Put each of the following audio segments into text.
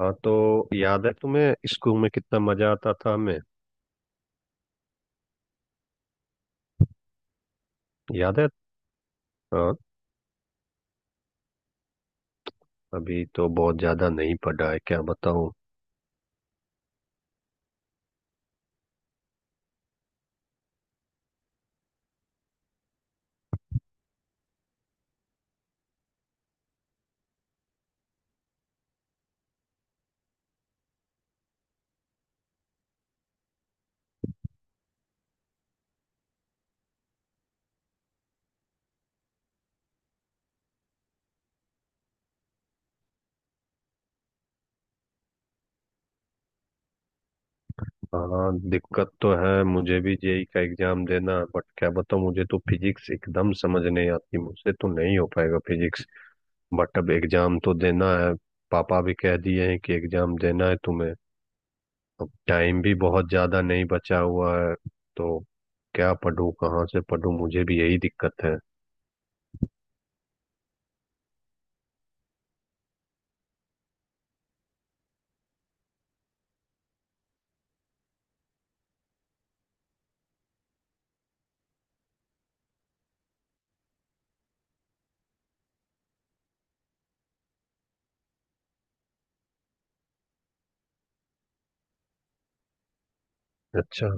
हाँ, तो याद है तुम्हें स्कूल में कितना मजा आता था हमें। याद है। हाँ, अभी तो बहुत ज्यादा नहीं पढ़ा है, क्या बताऊँ। हाँ, दिक्कत तो है मुझे भी जेई का एग्जाम देना, बट क्या बताऊँ, मुझे तो फिजिक्स एकदम समझ नहीं आती, मुझसे तो नहीं हो पाएगा फिजिक्स। बट अब एग्जाम तो देना है। पापा भी कह दिए हैं कि एग्जाम देना है तुम्हें। अब टाइम भी बहुत ज्यादा नहीं बचा हुआ है, तो क्या पढूं, कहाँ से पढूं, मुझे भी यही दिक्कत है। अच्छा,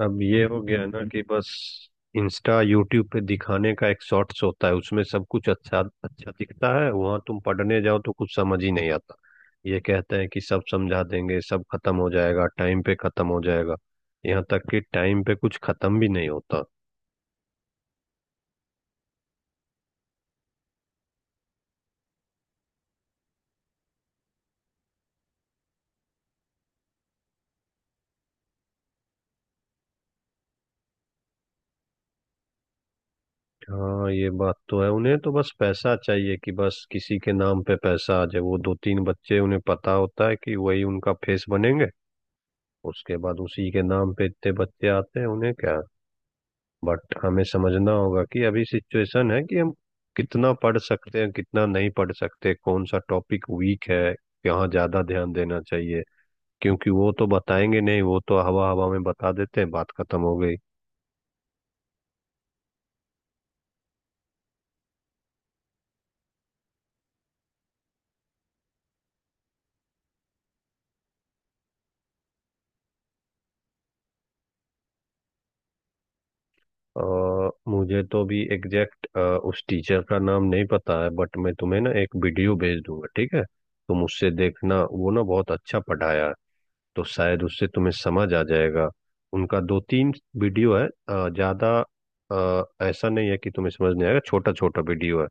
अब ये हो गया ना कि बस इंस्टा यूट्यूब पे दिखाने का एक शॉर्ट्स होता है, उसमें सब कुछ अच्छा अच्छा दिखता है, वहां तुम पढ़ने जाओ तो कुछ समझ ही नहीं आता। ये कहते हैं कि सब समझा देंगे, सब खत्म हो जाएगा, टाइम पे खत्म हो जाएगा, यहाँ तक कि टाइम पे कुछ खत्म भी नहीं होता। हाँ, ये बात तो है, उन्हें तो बस पैसा चाहिए, कि बस किसी के नाम पे पैसा आ जाए, वो दो तीन बच्चे उन्हें पता होता है कि वही उनका फेस बनेंगे। उसके बाद उसी के नाम पे इतने बच्चे आते हैं, उन्हें क्या। बट हमें समझना होगा कि अभी सिचुएशन है कि हम कितना पढ़ सकते हैं, कितना नहीं पढ़ सकते, कौन सा टॉपिक वीक है, यहाँ ज्यादा ध्यान देना चाहिए। क्योंकि वो तो बताएंगे नहीं, वो तो हवा हवा में बता देते हैं, बात खत्म हो गई। और मुझे तो भी एग्जैक्ट उस टीचर का नाम नहीं पता है, बट मैं तुम्हें ना एक वीडियो भेज दूंगा, ठीक है। तुम उससे देखना, वो ना बहुत अच्छा पढ़ाया है, तो शायद उससे तुम्हें समझ आ जाएगा। उनका दो तीन वीडियो है, ज्यादा ऐसा नहीं है कि तुम्हें समझ नहीं आएगा, छोटा छोटा वीडियो है,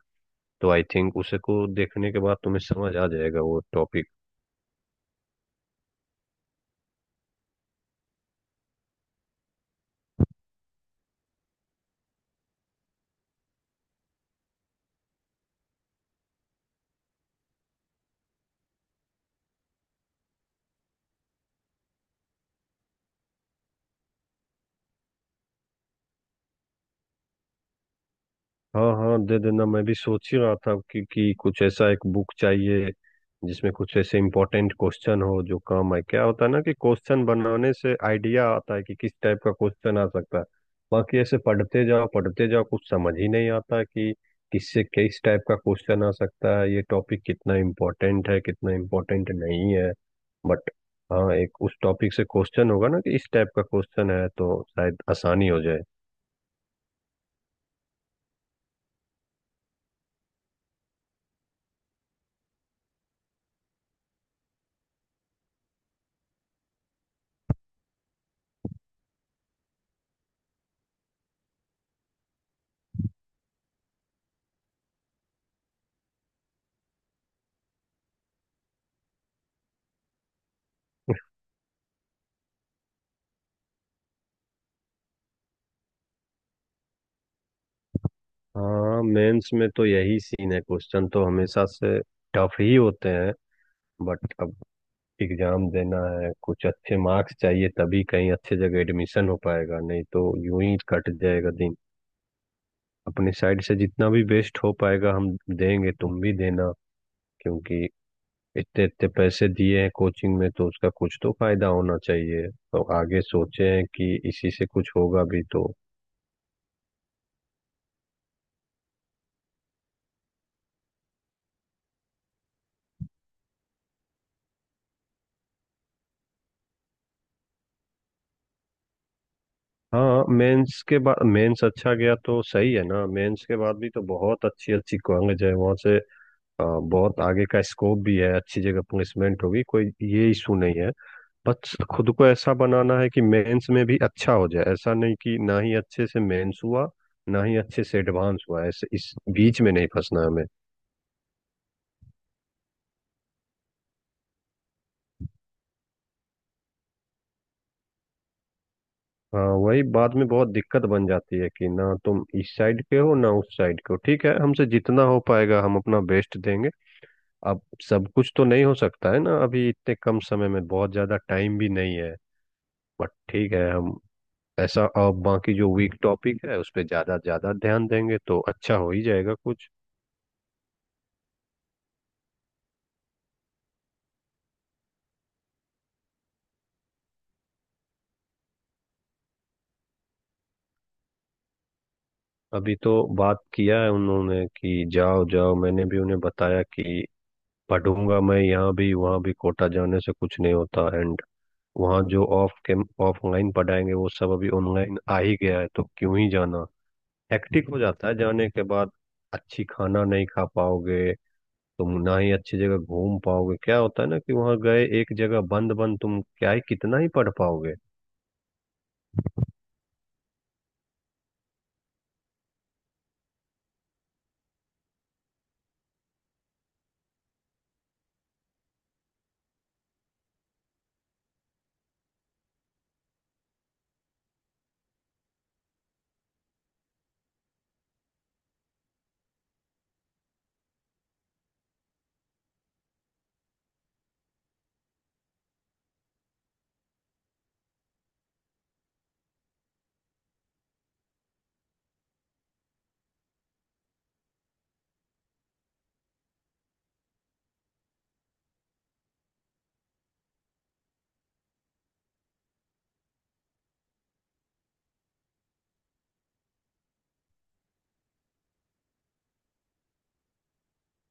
तो आई थिंक उसे को देखने के बाद तुम्हें समझ आ जाएगा वो टॉपिक। हाँ हाँ, दे देना, मैं भी सोच ही रहा था कि कुछ ऐसा एक बुक चाहिए जिसमें कुछ ऐसे इम्पोर्टेंट क्वेश्चन हो जो काम आए। क्या होता है ना कि क्वेश्चन बनाने से आइडिया आता है कि किस टाइप का क्वेश्चन आ सकता है। बाकी ऐसे पढ़ते जाओ कुछ समझ ही नहीं आता कि किससे किस टाइप का क्वेश्चन आ सकता है, ये टॉपिक कितना इम्पोर्टेंट है, कितना इम्पोर्टेंट नहीं है। बट हाँ, एक उस टॉपिक से क्वेश्चन होगा ना कि इस टाइप का क्वेश्चन है, तो शायद आसानी हो जाए। हाँ, मेंस में तो यही सीन है, क्वेश्चन तो हमेशा से टफ ही होते हैं। बट अब एग्जाम देना है, कुछ अच्छे मार्क्स चाहिए, तभी कहीं अच्छे जगह एडमिशन हो पाएगा, नहीं तो यूं ही कट जाएगा दिन। अपनी साइड से जितना भी बेस्ट हो पाएगा हम देंगे, तुम भी देना, क्योंकि इतने इतने पैसे दिए हैं कोचिंग में, तो उसका कुछ तो फायदा होना चाहिए, तो आगे सोचे हैं कि इसी से कुछ होगा भी तो। हाँ, मेंस के बाद, मेंस अच्छा गया तो सही है ना, मेंस के बाद भी तो बहुत अच्छी अच्छी कॉलेज है, वहाँ से बहुत आगे का स्कोप भी है, अच्छी जगह प्लेसमेंट होगी, कोई ये इशू नहीं है। बस खुद को ऐसा बनाना है कि मेंस में भी अच्छा हो जाए, ऐसा नहीं कि ना ही अच्छे से मेंस हुआ, ना ही अच्छे से एडवांस हुआ, ऐसे इस बीच में नहीं फंसना हमें। हाँ, वही बाद में बहुत दिक्कत बन जाती है कि ना तुम इस साइड के हो ना उस साइड के हो। ठीक है, हमसे जितना हो पाएगा हम अपना बेस्ट देंगे। अब सब कुछ तो नहीं हो सकता है ना, अभी इतने कम समय में बहुत ज्यादा टाइम भी नहीं है। बट ठीक है, हम ऐसा अब बाकी जो वीक टॉपिक है उस पे ज्यादा ज्यादा ध्यान देंगे, तो अच्छा हो ही जाएगा कुछ। अभी तो बात किया है उन्होंने कि जाओ जाओ, मैंने भी उन्हें बताया कि पढ़ूंगा मैं यहाँ भी वहाँ भी, कोटा जाने से कुछ नहीं होता। एंड वहाँ जो ऑफ के ऑफलाइन पढ़ाएंगे वो सब अभी ऑनलाइन आ ही गया है, तो क्यों ही जाना। हेक्टिक हो जाता है जाने के बाद, अच्छी खाना नहीं खा पाओगे तुम, ना ही अच्छी जगह घूम पाओगे। क्या होता है ना कि वहां गए एक जगह बंद बंद, तुम क्या ही कितना ही पढ़ पाओगे।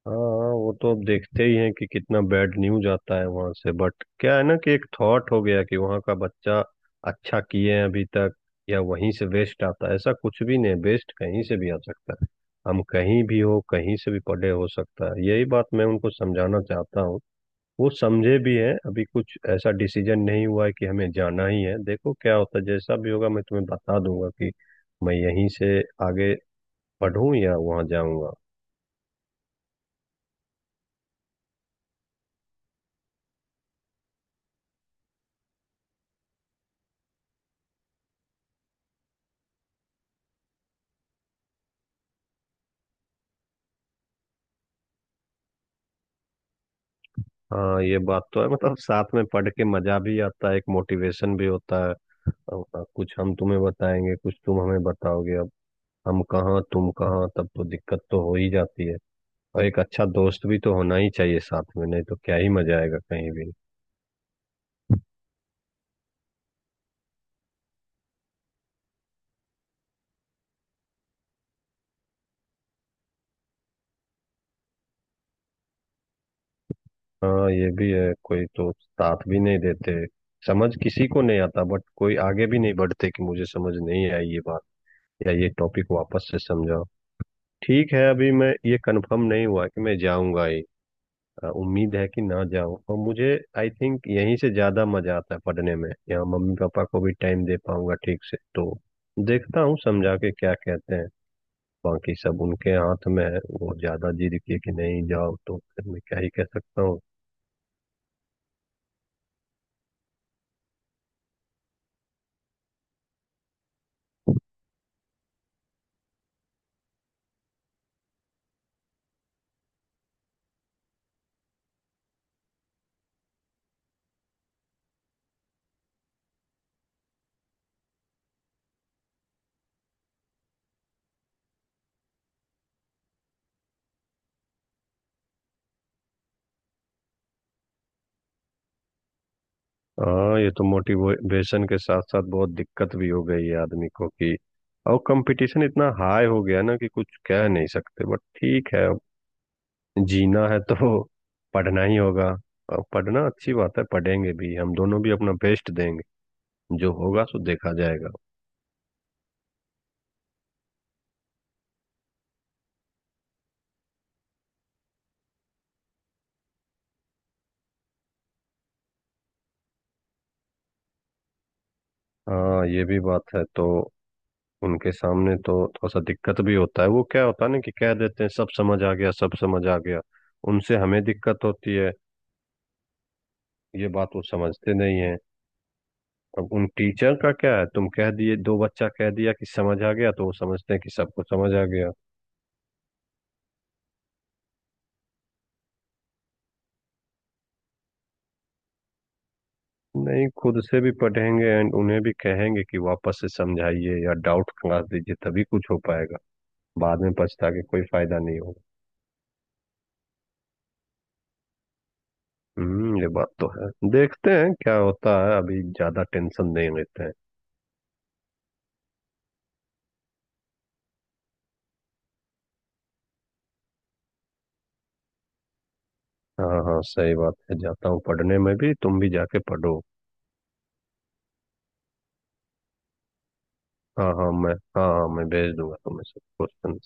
हाँ हाँ, वो तो अब देखते ही हैं कि कितना बैड न्यूज आता है वहां से, बट क्या है ना कि एक थॉट हो गया कि वहां का बच्चा अच्छा किए हैं अभी तक, या वहीं से वेस्ट आता है, ऐसा कुछ भी नहीं, वेस्ट कहीं से भी आ सकता है, हम कहीं भी हो कहीं से भी पढ़े हो सकता है। यही बात मैं उनको समझाना चाहता हूँ, वो समझे भी हैं। अभी कुछ ऐसा डिसीजन नहीं हुआ है कि हमें जाना ही है, देखो क्या होता है, जैसा भी होगा मैं तुम्हें बता दूंगा कि मैं यहीं से आगे पढ़ूं या वहां जाऊंगा। हाँ, ये बात तो है, मतलब साथ में पढ़ के मजा भी आता है, एक मोटिवेशन भी होता है, अब कुछ हम तुम्हें बताएंगे, कुछ तुम हमें बताओगे। अब हम कहाँ तुम कहाँ, तब तो दिक्कत तो हो ही जाती है। और एक अच्छा दोस्त भी तो होना ही चाहिए साथ में, नहीं तो क्या ही मजा आएगा कहीं भी। हाँ, ये भी है, कोई तो साथ भी नहीं देते, समझ किसी को नहीं आता, बट कोई आगे भी नहीं बढ़ते कि मुझे समझ नहीं आई ये बात, या ये टॉपिक वापस से समझाओ। ठीक है, अभी मैं ये कंफर्म नहीं हुआ कि मैं जाऊंगा ही, उम्मीद है कि ना जाऊं। और मुझे आई थिंक यहीं से ज्यादा मजा आता है पढ़ने में, यहाँ मम्मी पापा को भी टाइम दे पाऊंगा ठीक से, तो देखता हूँ समझा के क्या कहते हैं, बाकी सब उनके हाथ में है। वो ज्यादा जिद किए कि नहीं, जाओ, तो फिर मैं क्या ही कह सकता हूँ। हाँ, ये तो मोटिवेशन के साथ साथ बहुत दिक्कत भी हो गई है आदमी को कि, और कंपटीशन इतना हाई हो गया ना, कि कुछ कह नहीं सकते। बट ठीक है, अब जीना है तो पढ़ना ही होगा। और पढ़ना अच्छी बात है, पढ़ेंगे भी, हम दोनों भी अपना बेस्ट देंगे, जो होगा सो देखा जाएगा। हाँ, ये भी बात है, तो उनके सामने तो थोड़ा सा दिक्कत भी होता है। वो क्या होता है ना कि कह देते हैं सब समझ आ गया, सब समझ आ गया, उनसे हमें दिक्कत होती है। ये बात वो समझते नहीं है। अब उन टीचर का क्या है, तुम कह दिए, दो बच्चा कह दिया कि समझ आ गया, तो वो समझते हैं कि सबको समझ आ गया। नहीं, खुद से भी पढ़ेंगे, एंड उन्हें भी कहेंगे कि वापस से समझाइए या डाउट क्लास दीजिए, तभी कुछ हो पाएगा, बाद में पछता के कोई फायदा नहीं होगा। हम्म, ये बात तो है, देखते हैं क्या होता है, अभी ज्यादा टेंशन नहीं लेते हैं। हाँ हाँ, सही बात है, जाता हूँ पढ़ने में, भी तुम भी जाके पढ़ो। हाँ हाँ, मैं भेज दूंगा तुम्हें सब क्वेश्चन।